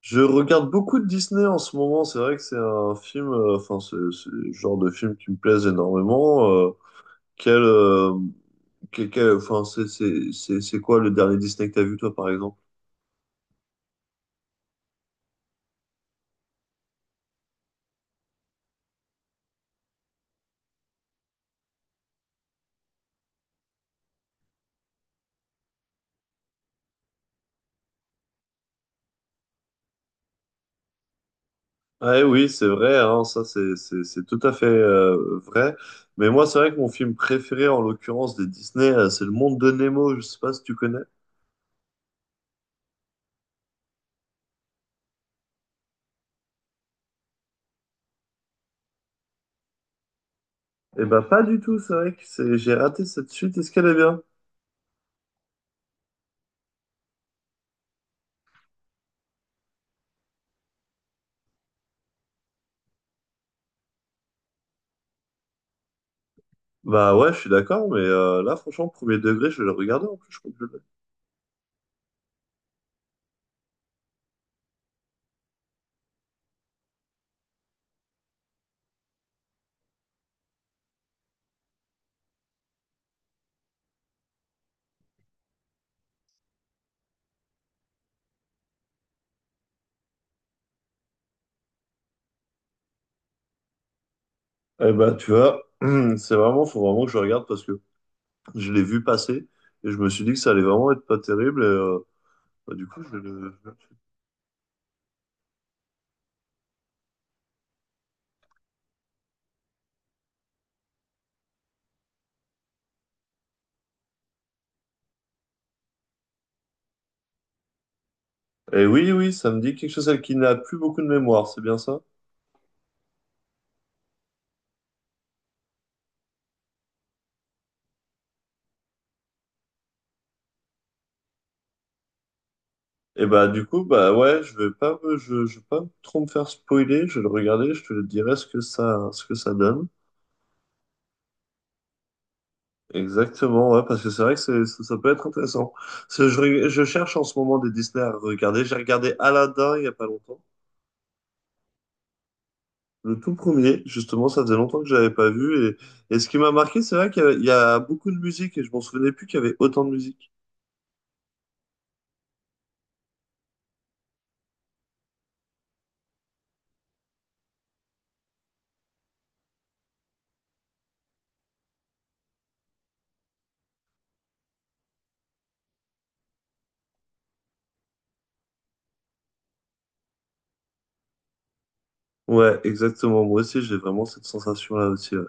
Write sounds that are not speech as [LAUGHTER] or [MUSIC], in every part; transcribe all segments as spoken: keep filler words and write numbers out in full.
Je regarde beaucoup de Disney en ce moment. C'est vrai que c'est un film, euh, enfin, c'est c'est le genre de film qui me plaise énormément. Euh, quel, euh, quel- quel- enfin, c'est c'est- c'est- c'est quoi le dernier Disney que t'as vu, toi, par exemple? Ah, eh oui, c'est vrai, hein, ça, c'est c'est- c'est tout à fait euh, vrai. Mais moi, c'est vrai que mon film préféré, en l'occurrence, des Disney, euh, c'est Le Monde de Nemo. Je sais pas si tu connais. Eh ben, pas du tout. C'est vrai que c'est- j'ai raté cette suite. Est-ce qu'elle est bien? Bah ouais, je suis d'accord, mais euh, là, franchement, premier degré, je vais le regarder en plus. Je crois que je l'ai. Eh ben, tu vois, [CLEARS THROAT] c'est vraiment, faut vraiment que je regarde parce que je l'ai vu passer et je me suis dit que ça allait vraiment être pas terrible. Et, euh, bah, du coup, je vais le... Et oui, oui, ça me dit quelque chose, elle qui n'a plus beaucoup de mémoire, c'est bien ça? Et bah, du coup, bah ouais, je vais pas me, je, je vais pas trop me faire spoiler, je vais le regarder, je te le dirai ce que ça, ce que ça donne. Exactement, ouais, parce que c'est vrai que c'est, ça, ça peut être intéressant. Parce que Je, reg- je cherche en ce moment des Disney à regarder. J'ai regardé Aladdin il y a pas longtemps. Le tout premier, justement, ça faisait longtemps que je l'avais pas vu. Et, et ce qui m'a marqué, c'est vrai qu'il y a, il y a beaucoup de musique et je m'en souvenais plus qu'il y avait autant de musique. Ouais, exactement. Moi aussi, j'ai vraiment cette sensation-là aussi, ouais.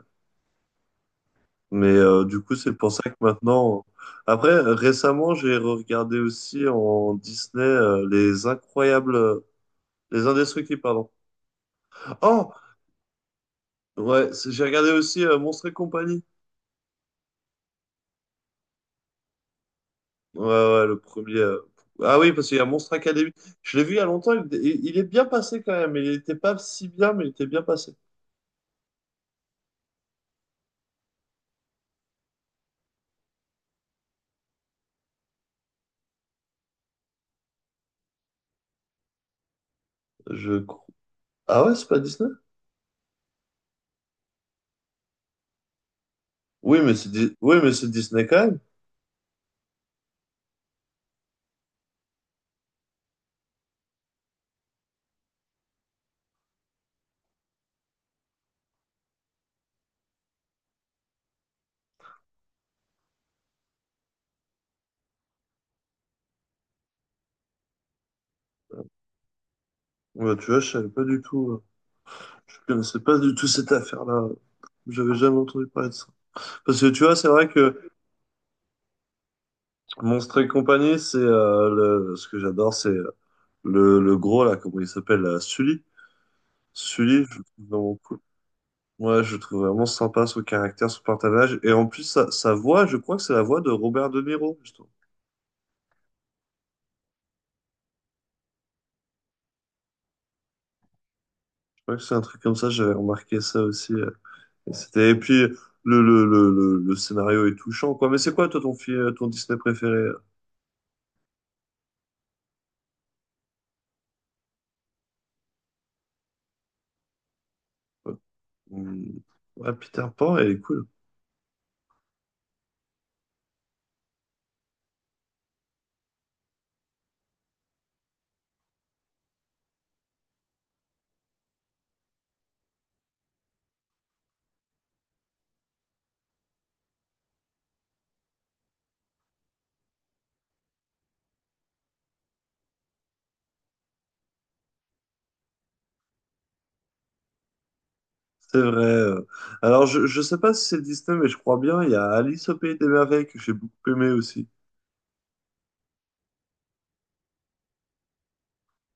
Mais euh, du coup, c'est pour ça que maintenant. Après, récemment, j'ai regardé aussi en Disney euh, les incroyables, euh, les indestructibles, pardon. Oh, ouais, c'est- j'ai regardé aussi euh, Monstres et compagnie. Ouais, ouais, le premier. euh, Ah oui, parce qu'il y a Monstre Academy. Je l'ai vu il y a longtemps, il, il- il est bien passé quand même. Il n'était pas si bien, mais il était bien passé. Je crois. Ah ouais, c'est pas Disney? Oui, mais c'est Di- oui, mais c'est Disney quand même. Ouais, tu vois, je savais pas du tout. euh, Je connaissais pas du tout cette affaire-là. J'avais jamais entendu parler de ça. Parce que tu vois, c'est vrai que Monstre et compagnie, c'est euh, le... ce que j'adore, c'est euh, le, le gros là, comment il s'appelle, là, Sully. Sully, je le trouve vraiment Ouais, je le trouve vraiment sympa son caractère, son partage. Et en plus, sa, sa voix, je crois que c'est la voix de Robert De Niro, justement. Je crois que c'est un truc comme ça, j'avais remarqué ça aussi. euh. Et c'était, et puis, le, le, le, le, le scénario est touchant, quoi. Mais c'est quoi, toi, ton, film, ton Disney préféré? euh Ouais, Hum, ouais, Peter Pan, elle est cool. C'est vrai. euh. Alors, je, je sais pas si c'est Disney, mais je crois bien. Il y a Alice au Pays des Merveilles que j'ai beaucoup aimé aussi.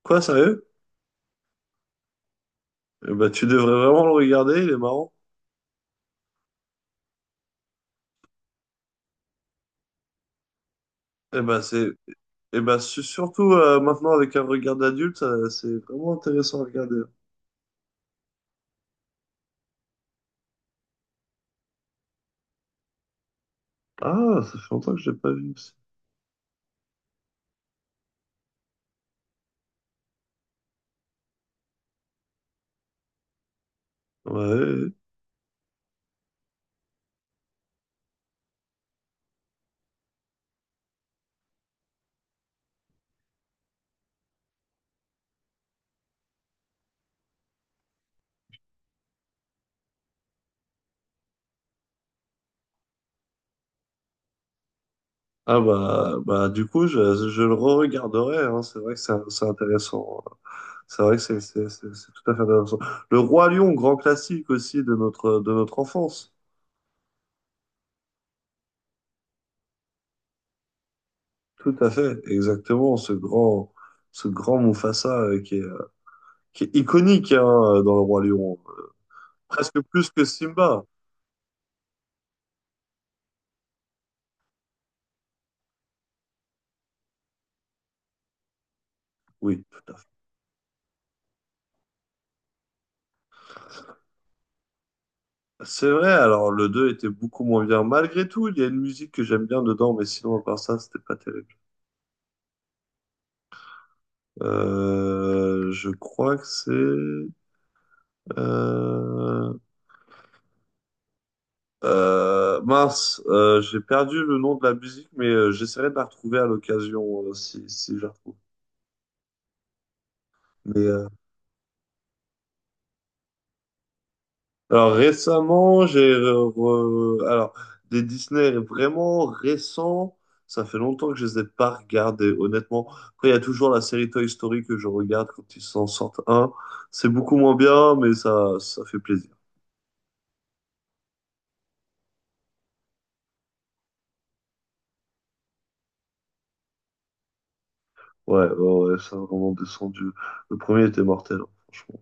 Quoi, sérieux? Eh ben, tu devrais vraiment le regarder, il est marrant. Eh ben c'est eh ben su- surtout euh, maintenant avec un regard d'adulte, ça- c'est vraiment intéressant à regarder. Ah, ça fait longtemps que je l'ai pas vu aussi. Ouais, ouais, ouais. Ah, bah bah du coup je, je le re-regarderai, hein. C'est vrai que c'est c'est intéressant, hein. C'est vrai que c'est c'est c'est- c'est tout à fait intéressant. Le Roi Lion, grand classique aussi de notre de notre enfance. Tout à fait, exactement. Ce grand ce grand Mufasa euh, qui est euh, qui est iconique, hein, dans le Roi Lion, presque plus que Simba. Oui, tout à fait. C'est vrai, alors le deux était beaucoup moins bien. Malgré tout, il y a une musique que j'aime bien dedans, mais sinon, à part ça, c'était pas terrible. Euh, je crois que c'est... Euh... euh, Mince, euh, j'ai perdu le nom de la musique, mais euh, j'essaierai de la retrouver à l'occasion euh, si, si je la retrouve. Mais euh, Alors récemment, j'ai re- re- alors des Disney vraiment récents, ça fait longtemps que je les ai pas regardés, honnêtement. Après, il y a toujours la série Toy Story que je regarde quand ils s'en sortent un. C'est beaucoup moins bien, mais ça ça fait plaisir. Ouais, ouais, ouais, ça a vraiment descendu. Le premier était mortel, hein, franchement.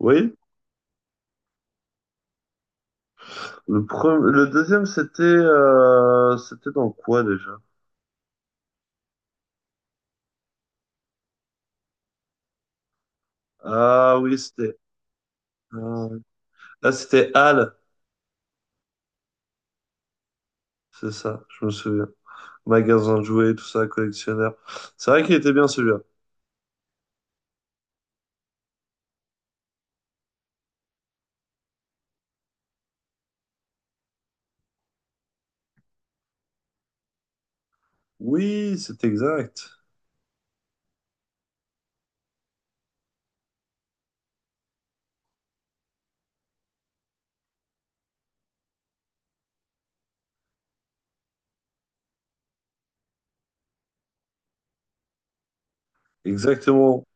Oui. Le premier, le deuxième, c'était euh, c'était dans quoi déjà? Ah oui, c'était euh, ah c'était Hal, c'est ça, je me souviens. Magasin de jouets, tout ça, collectionneur. C'est vrai qu'il était bien celui-là. Oui, c'est exact. Exactement.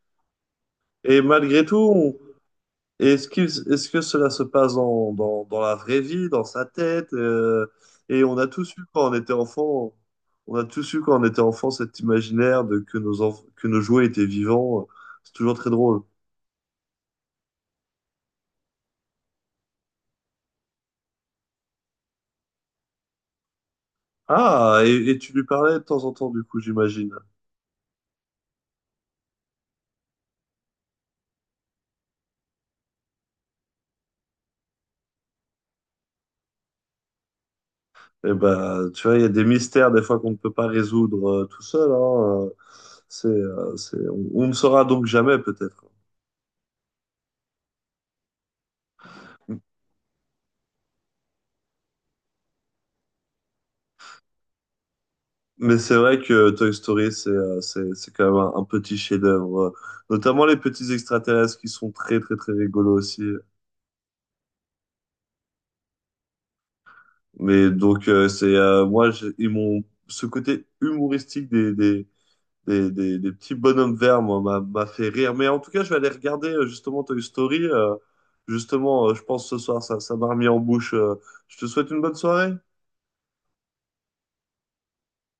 Et malgré tout, on- est-ce qu'il- est-ce que cela se passe dans, dans, dans la vraie vie, dans sa tête? euh, Et on a tous eu quand on était enfant, on a tous eu quand on était enfant cet imaginaire de que nos enf- que nos jouets étaient vivants. C'est toujours très drôle. Ah, et, et tu lui parlais de temps en temps, du coup, j'imagine. Et ben, tu vois, il y a des mystères des fois qu'on ne peut pas résoudre euh, tout seul. hein, euh, c'est, euh, c'est, on, on ne saura donc jamais peut-être. Mais c'est vrai que Toy Story, c'est euh, c'est, c'est quand même un, un petit chef-d'œuvre. euh, Notamment les petits extraterrestres qui sont très très très rigolos aussi. Mais donc euh, c'est euh, moi j'ai- ils m'ont ce côté humoristique des, des des, des, des petits bonhommes verts, moi, m'a m'a fait rire. Mais en tout cas, je vais aller regarder euh, justement Toy Story. Euh, justement, euh, je pense ce soir, ça, ça m'a remis en bouche. euh. Je te souhaite une bonne soirée.